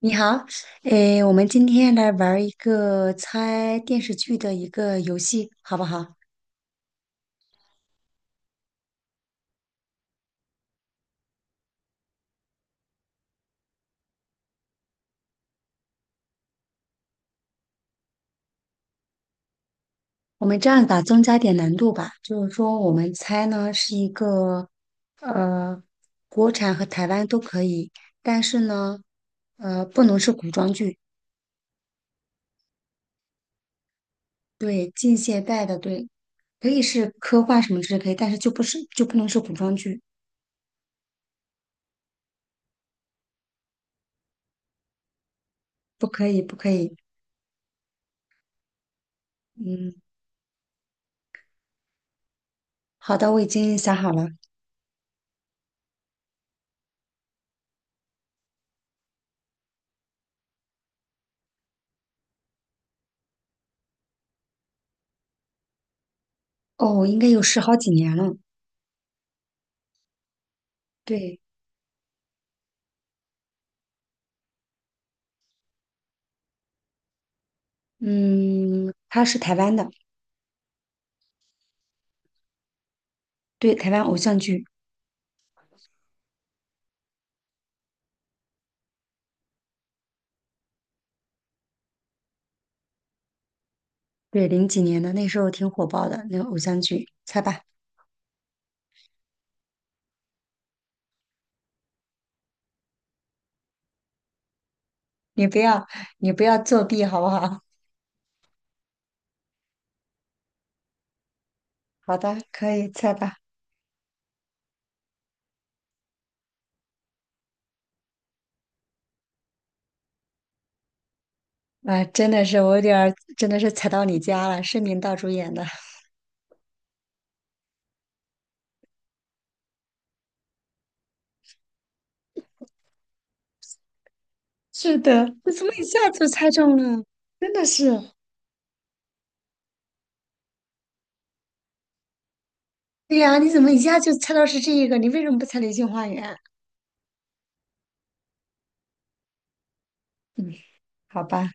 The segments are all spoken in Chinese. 你好，诶，我们今天来玩儿一个猜电视剧的一个游戏，好不好？我们这样吧，增加点难度吧，就是说我们猜呢是一个呃，国产和台湾都可以，但是呢，不能是古装剧，对，近现代的，对，可以是科幻什么之类可以，但是就不是就不能是古装剧，不可以，不可以。嗯，好的，我已经想好了。哦，应该有十好几年了，对。嗯，它是台湾的。对，台湾偶像剧，对，零几年的那时候挺火爆的那个偶像剧，猜吧。你不要你不要作弊好不好？好的，可以猜吧。啊，真的是我有点儿真的是踩到你家了，是明道主演的。是的，你怎么一下就猜中了？真的是。对呀，你怎么一下就猜到是这一个？你为什么不猜《流星花园》？嗯，好吧。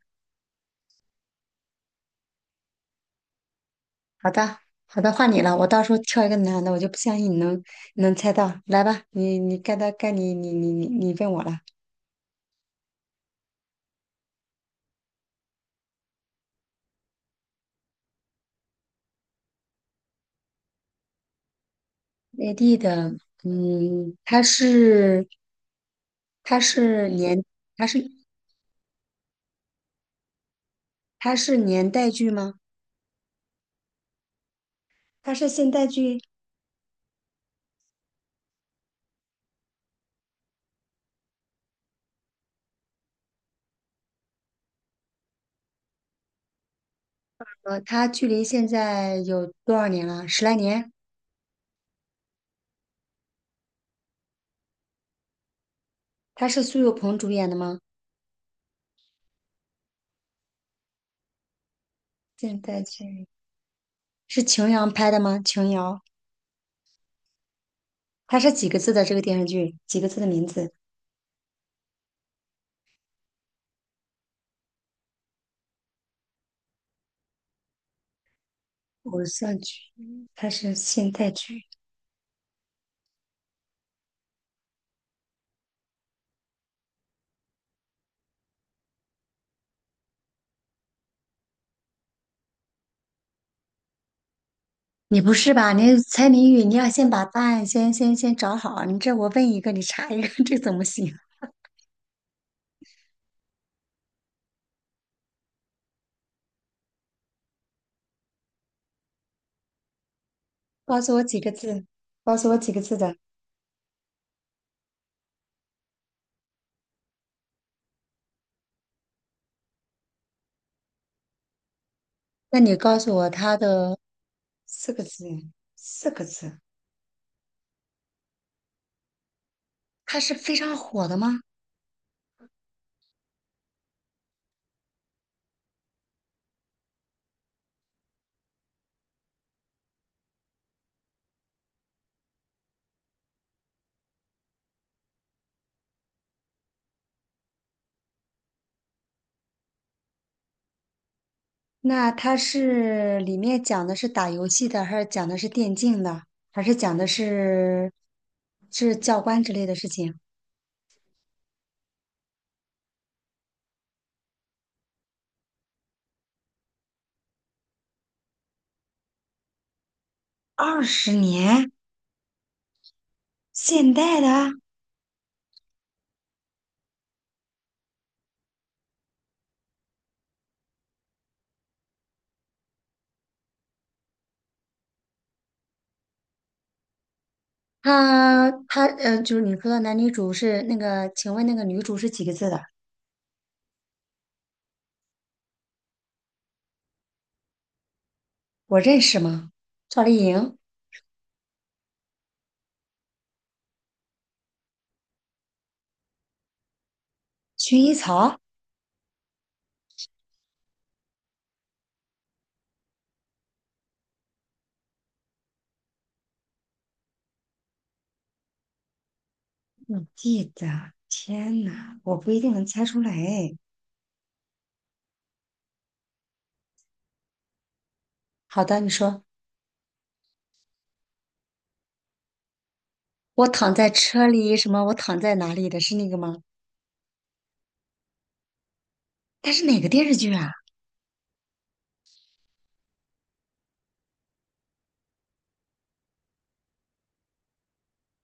好的，好的，换你了。我到时候挑一个男的，我就不相信你能你能猜到。来吧，你你该到该你你你你你问我了。内地的，嗯，它是年它是它是年代剧吗？它是现代剧。呃，它距离现在有多少年了？十来年？它是苏有朋主演的吗？现代剧是琼瑶拍的吗？琼瑶，它是几个字的这个电视剧？几个字的名字？偶像剧，它是现代剧。你不是吧？你猜谜语，你要先把答案先找好。你这我问一个，你查一个，这怎么行？告诉我几个字，告诉我几个字的。那你告诉我他的四个字，四个字。他是非常火的吗？那他是里面讲的是打游戏的，还是讲的是电竞的，还是讲的是是教官之类的事情？二十年，现代的。他他呃，就是你说的男女主是那个，请问那个女主是几个字的？我认识吗？赵丽颖、薰衣草。我记得，天呐，我不一定能猜出来。哎，好的，你说，我躺在车里，什么？我躺在哪里的是那个吗？但是哪个电视剧啊？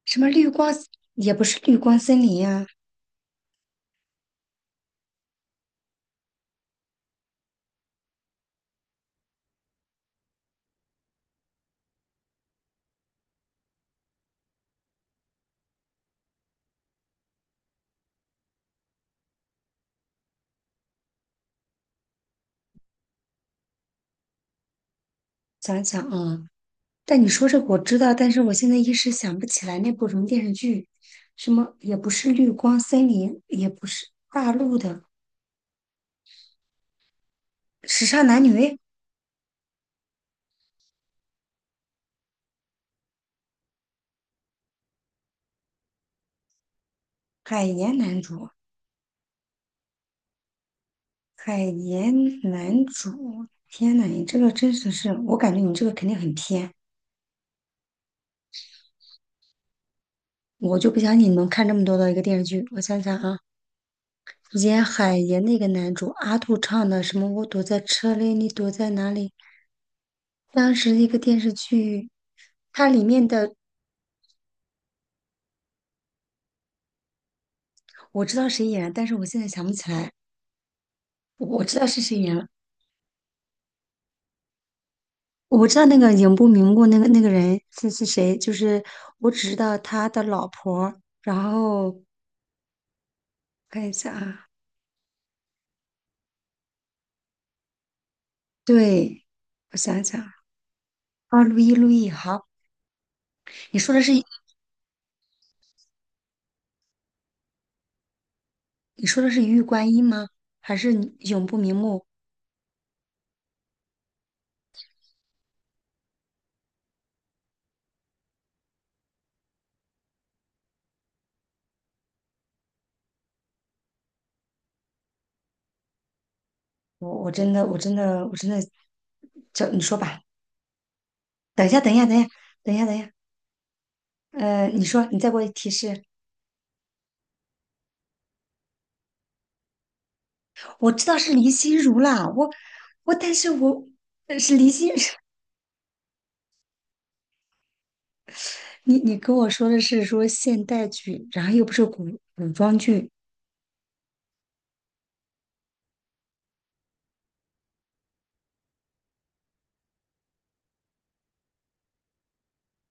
什么绿光，也不是绿光森林呀、想想啊，但你说这个我知道，但是我现在一时想不起来那部什么电视剧，什么也不是绿光森林，也不是大陆的时尚男女，海盐男主，海盐男主。天呐，你这个真的是，我感觉你这个肯定很偏。我就不相信你能看这么多的一个电视剧。我想想啊，演海岩那个男主阿杜唱的什么"我躲在车里，你躲在哪里"，当时一个电视剧，它里面的我知道谁演了，但是我现在想不起来。我知道是谁演了，我知道那个影不瞑目那个人是谁，就是我只知道他的老婆。然后看一下啊，对，我想想啊，路易路易，好。你说的是。你说的是一玉观音吗？还是你永不瞑目？我真的,叫你说吧。等一下，等一下，等一下，等一下。呃，你说，你再给我提示。我知道是林心如啦，我我，但是我呃是林心如。你你跟我说的是说现代剧，然后又不是古装剧。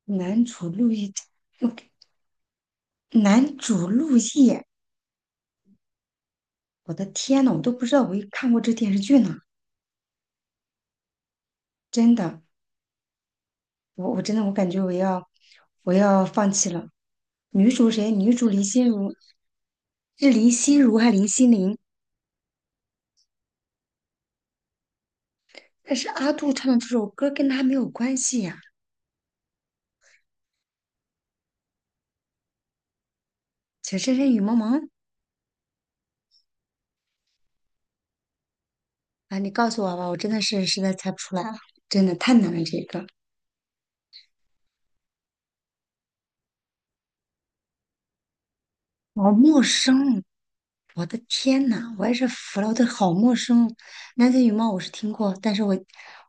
男主陆毅，我男主陆毅，我的天呐，我都不知道我看过这电视剧呢，真的。我真的我感觉我要放弃了。女主谁？女主林心如，是林心如还林心凌？但是阿杜唱的这首歌跟她没有关系呀、情深深雨蒙蒙啊，你告诉我吧，我真的是实在猜不出来了，真的太难了这个。好陌生，我的天呐，我也是服了，我的好陌生。南拳女貌我是听过，但是我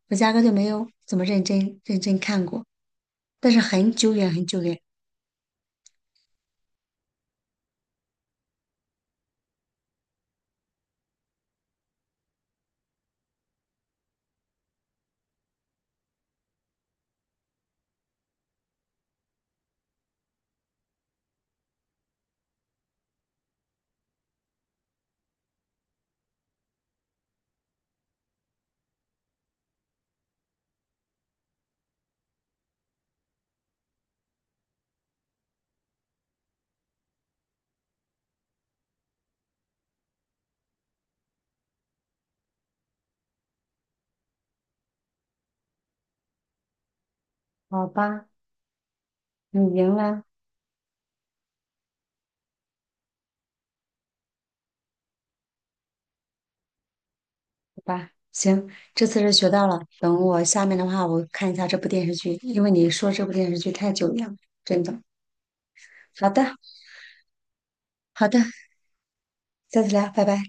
我压根就没有怎么认真看过，但是很久远很久远。好吧，你赢了。吧，行，这次是学到了。等我下面的话，我看一下这部电视剧，因为你说这部电视剧太久远了，真的。好的，好的，下次聊，拜拜。